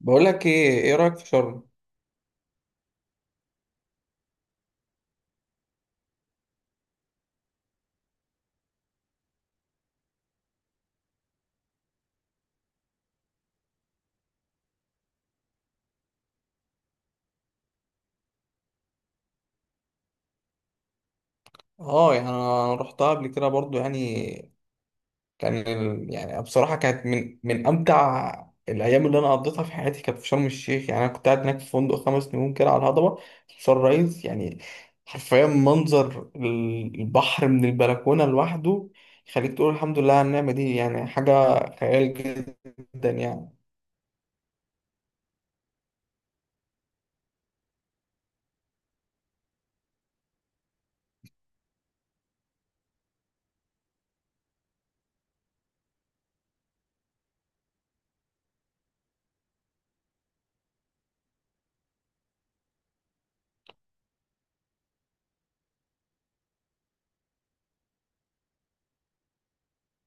بقول لك ايه رايك في شرم؟ اه، يعني انا رحتها قبل كده برضو يعني. كان يعني بصراحه كانت من امتع الايام اللي انا قضيتها في حياتي، كانت في شرم الشيخ. يعني انا كنت قاعد هناك في فندق خمس نجوم كده على الهضبه، سان رايز يعني. حرفيا منظر البحر من البلكونه لوحده يخليك تقول الحمد لله على النعمه دي، يعني حاجه خيال جدا يعني.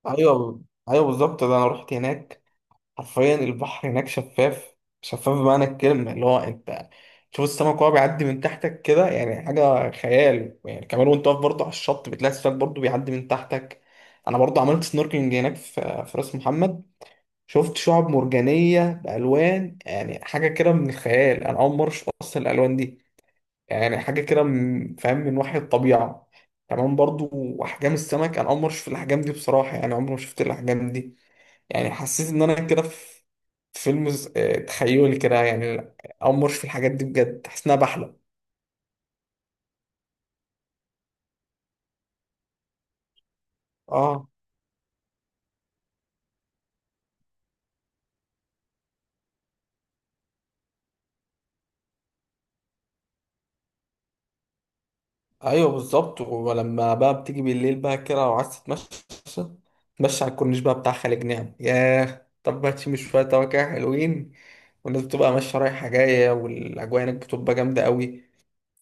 ايوه، ايوه، بالظبط، ده انا رحت هناك. حرفيا البحر هناك شفاف، شفاف بمعنى الكلمة، اللي هو انت تشوف السمك وهو بيعدي من تحتك كده، يعني حاجة خيال يعني. كمان وانت واقف برضه على الشط بتلاقي السمك برضه بيعدي من تحتك. انا برضه عملت سنوركلينج هناك في راس محمد، شفت شعب مرجانية بألوان، يعني حاجة كده من الخيال. انا اول مرة اشوف اصلا الألوان دي، يعني حاجة كده فاهم، من وحي الطبيعة كمان برضه. احجام السمك، انا اول مرة اشوف الاحجام دي بصراحة، يعني عمري ما شفت الاحجام دي. يعني حسيت ان انا كده في فيلم تخيلي كده يعني. امرش في الحاجات دي بجد، حاسس انها بحلم. اه. ايوه بالظبط، ولما بقى بتيجي بالليل بقى كده وعايز تتمشى، تمشي على الكورنيش بقى بتاع خالد، نعم، ياه، طب ما تشم شويه هوا كده حلوين. والناس بتبقى ماشيه رايحه جايه، والاجواء هناك بتبقى جامده قوي.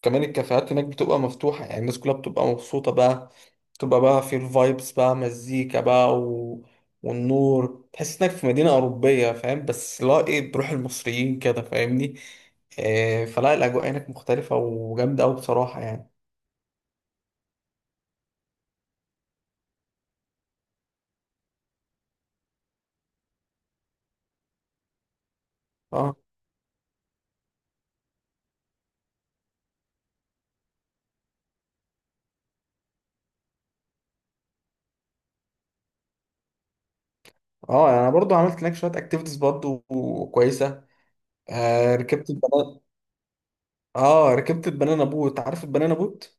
كمان الكافيهات هناك بتبقى مفتوحة، يعني الناس كلها بتبقى مبسوطة بقى، بتبقى بقى في الفايبس بقى، مزيكا بقى، والنور، تحس انك في مدينة أوروبية، فاهم؟ بس لا، ايه، بروح المصريين كده، فاهمني؟ آه، فلا الأجواء هناك مختلفة وجامدة أوي بصراحة يعني. اه. اه، يعني انا برضو عملت هناك شويه اكتيفيتيز برضو كويسه. آه، ركبت البنانا. اه، ركبت البنانا بوت، عارف البنانا بوت؟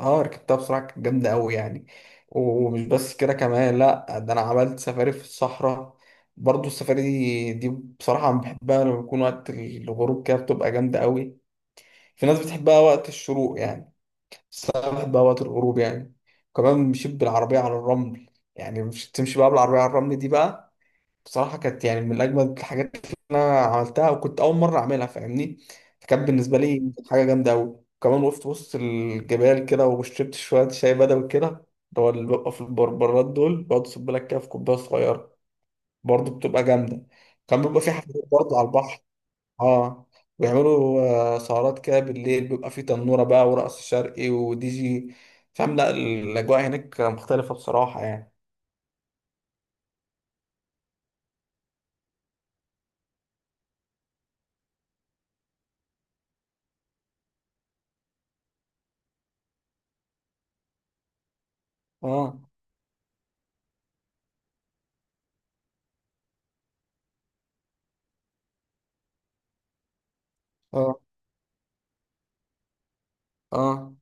اه ركبتها بصراحة كانت جامدة أوي يعني. ومش بس كده كمان، لأ، ده أنا عملت سفاري في الصحراء برضو. السفاري دي بصراحة أنا بحبها لما بيكون وقت الغروب كده، بتبقى جامدة أوي. في ناس بتحبها وقت الشروق يعني، بس أنا بحبها وقت الغروب يعني. وكمان مشيت بالعربية على الرمل، يعني مش تمشي بقى بالعربية على الرمل دي بقى، بصراحة كانت يعني من أجمد الحاجات اللي أنا عملتها، وكنت أول مرة أعملها فاهمني، فكانت بالنسبة لي حاجة جامدة أوي. وكمان وقفت وسط الجبال كده وشربت شوية شاي بدوي كده، اللي هو اللي بيبقى في البربرات دول، بقعد أصب لك كده في كوباية صغيرة، برضه بتبقى جامدة. كان بيبقى في حفلات برضه على البحر. أه بيعملوا سهرات كده بالليل، بيبقى في تنورة بقى ورقص شرقي ودي جي، فاهم؟ لا الأجواء هناك مختلفة بصراحة يعني. أه. أه. أه.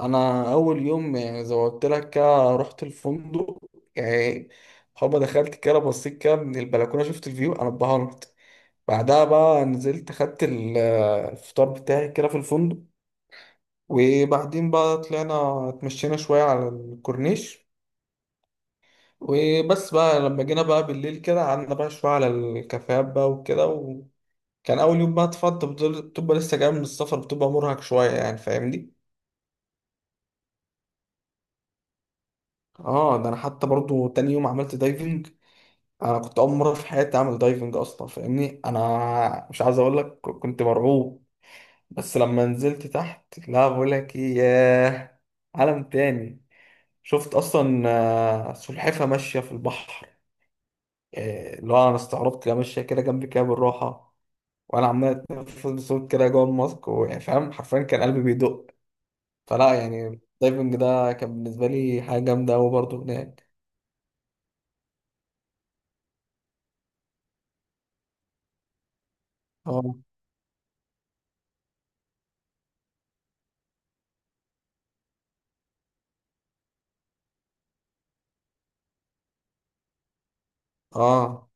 انا اول يوم يعني زي ما قلت لك كده رحت الفندق يعني. هما دخلت كده بصيت كده من البلكونه، شفت الفيو، انا اتبهرت. بعدها بقى نزلت خدت الفطار بتاعي كده في الفندق. وبعدين بقى طلعنا اتمشينا شويه على الكورنيش. وبس بقى لما جينا بقى بالليل كده قعدنا بقى شويه على الكافيهات بقى وكده. وكان اول يوم بقى اتفضل، بتبقى لسه جاي من السفر، بتبقى مرهق شويه يعني فاهمني. اه، ده انا حتى برضو تاني يوم عملت دايفنج. انا كنت اول مره في حياتي اعمل دايفنج اصلا، فاهمني؟ انا مش عايز اقول لك كنت مرعوب. بس لما نزلت تحت، لا بقول لك ايه، ياه، عالم تاني. شفت اصلا سلحفه ماشيه في البحر، اللي هو انا استغربت لها، ماشيه كده جنبي كده بالراحه، وانا عمال اتنفس بصوت كده جوه الماسك، ويعني فاهم حرفيا كان قلبي بيدق. فلا يعني الدايفنج ده كان بالنسبه لي حاجه جامده قوي برضه هناك. اه. اه.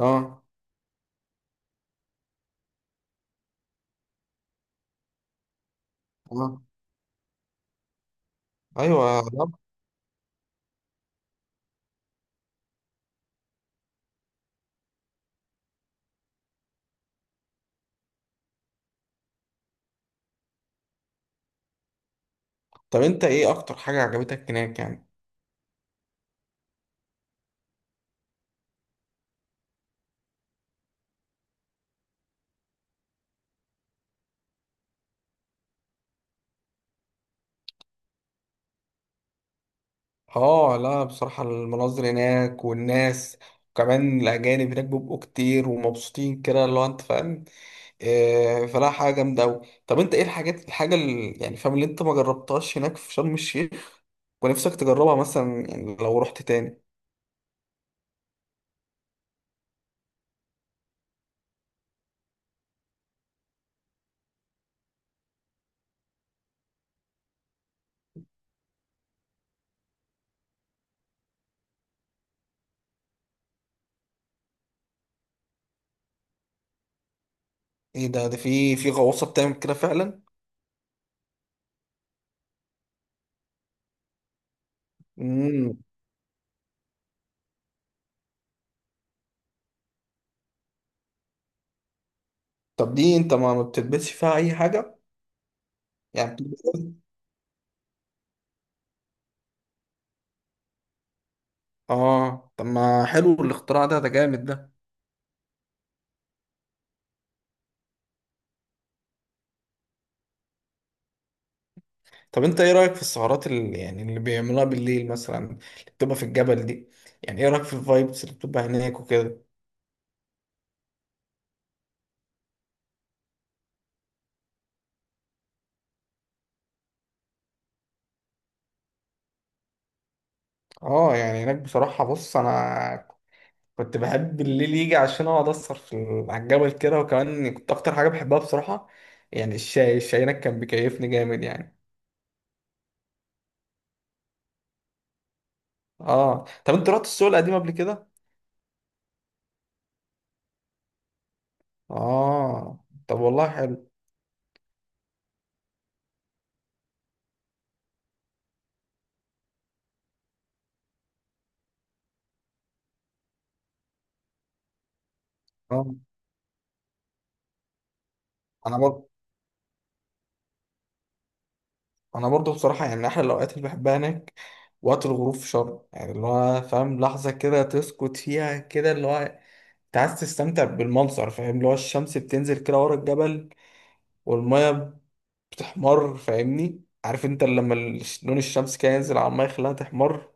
اه. اه. ايوه. طب انت ايه اكتر حاجة عجبتك هناك يعني؟ اه لا بصراحة المناظر هناك والناس، وكمان الاجانب هناك بيبقوا كتير ومبسوطين كده، اللي هو انت فاهم، إيه، فلا حاجة جامدة اوي. طب انت ايه الحاجة اللي يعني فاهم، اللي انت ما جربتهاش هناك في شرم الشيخ ونفسك تجربها مثلا، يعني لو رحت تاني؟ ايه ده في غواصة بتعمل كده فعلا؟ امم. طب دي انت ما بتلبسش فيها اي حاجة؟ يعني اه، طب ما حلو الاختراع ده، ده جامد ده. طب انت ايه رأيك في السهرات اللي يعني اللي بيعملوها بالليل مثلا، اللي بتبقى في الجبل دي؟ يعني ايه رأيك في الفايبس اللي بتبقى هناك وكده؟ اه يعني هناك بصراحة بص انا كنت بحب الليل يجي عشان اقعد اسهر في على الجبل كده. وكمان كنت اكتر حاجة بحبها بصراحة يعني الشاي هناك كان بيكيفني جامد يعني. اه، طب انت رحت السوق القديم قبل كده؟ اه، طب والله حلو. اه، انا برضه، انا برضه بصراحة يعني من احلى الاوقات اللي بحبها هناك وقت الغروب في شرم. يعني اللي هو فاهم لحظة كده تسكت فيها كده، اللي هو انت عايز تستمتع بالمنظر، فاهم؟ اللي هو الشمس بتنزل كده ورا الجبل، والمية بتحمر، فاهمني؟ عارف انت لما لون الشمس كده ينزل على المية يخليها تحمر،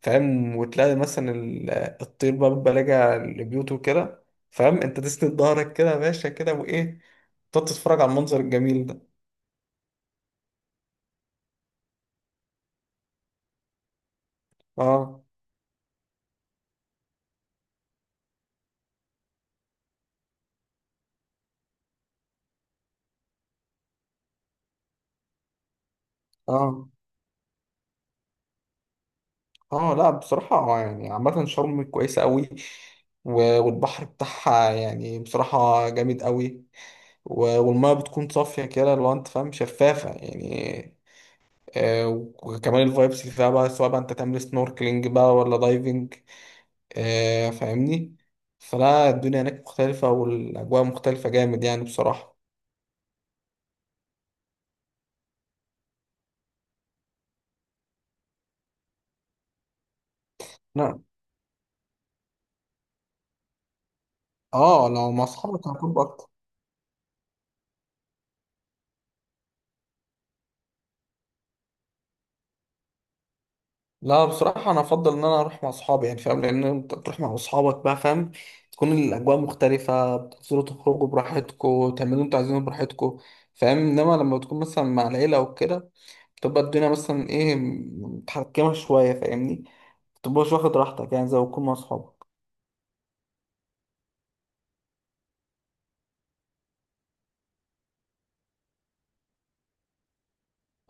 فاهم؟ وتلاقي مثلا الطير بقى بيبقى راجع لبيوته كده، فاهم؟ انت تسند ظهرك كده يا باشا كده، وايه، تقعد تتفرج على المنظر الجميل ده. اه. اه. اه لا بصراحة يعني عامة شرم كويسة قوي. والبحر بتاعها يعني بصراحة جامد قوي. والمية بتكون صافية كده لو انت فاهم، شفافة يعني. آه، وكمان الفايبس اللي فيها بقى، سواء بقى انت تعمل سنوركلينج بقى ولا دايفنج، فاهمني؟ فلا الدنيا هناك مختلفة والأجواء مختلفة جامد يعني بصراحة. لا. اه لو مع أصحابك هتبقى أكتر. لا بصراحة أنا أفضل إن أنا أروح مع أصحابي، يعني فاهم؟ لأن أنت تروح مع أصحابك بقى فاهم، تكون الأجواء مختلفة، بتنزلوا تخرجوا براحتكوا، تعملوا أنتوا عايزينه براحتكوا. فاهم؟ إنما لما تكون مثلا مع العيلة وكده بتبقى الدنيا مثلا، إيه، متحكمة شوية فاهمني، متبقاش واخد راحتك يعني زي ما تكون مع أصحابك.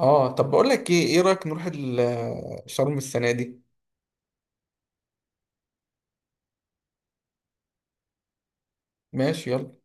أه، طب بقول لك إيه رأيك نروح شرم السنة دي؟ ماشي، يلا.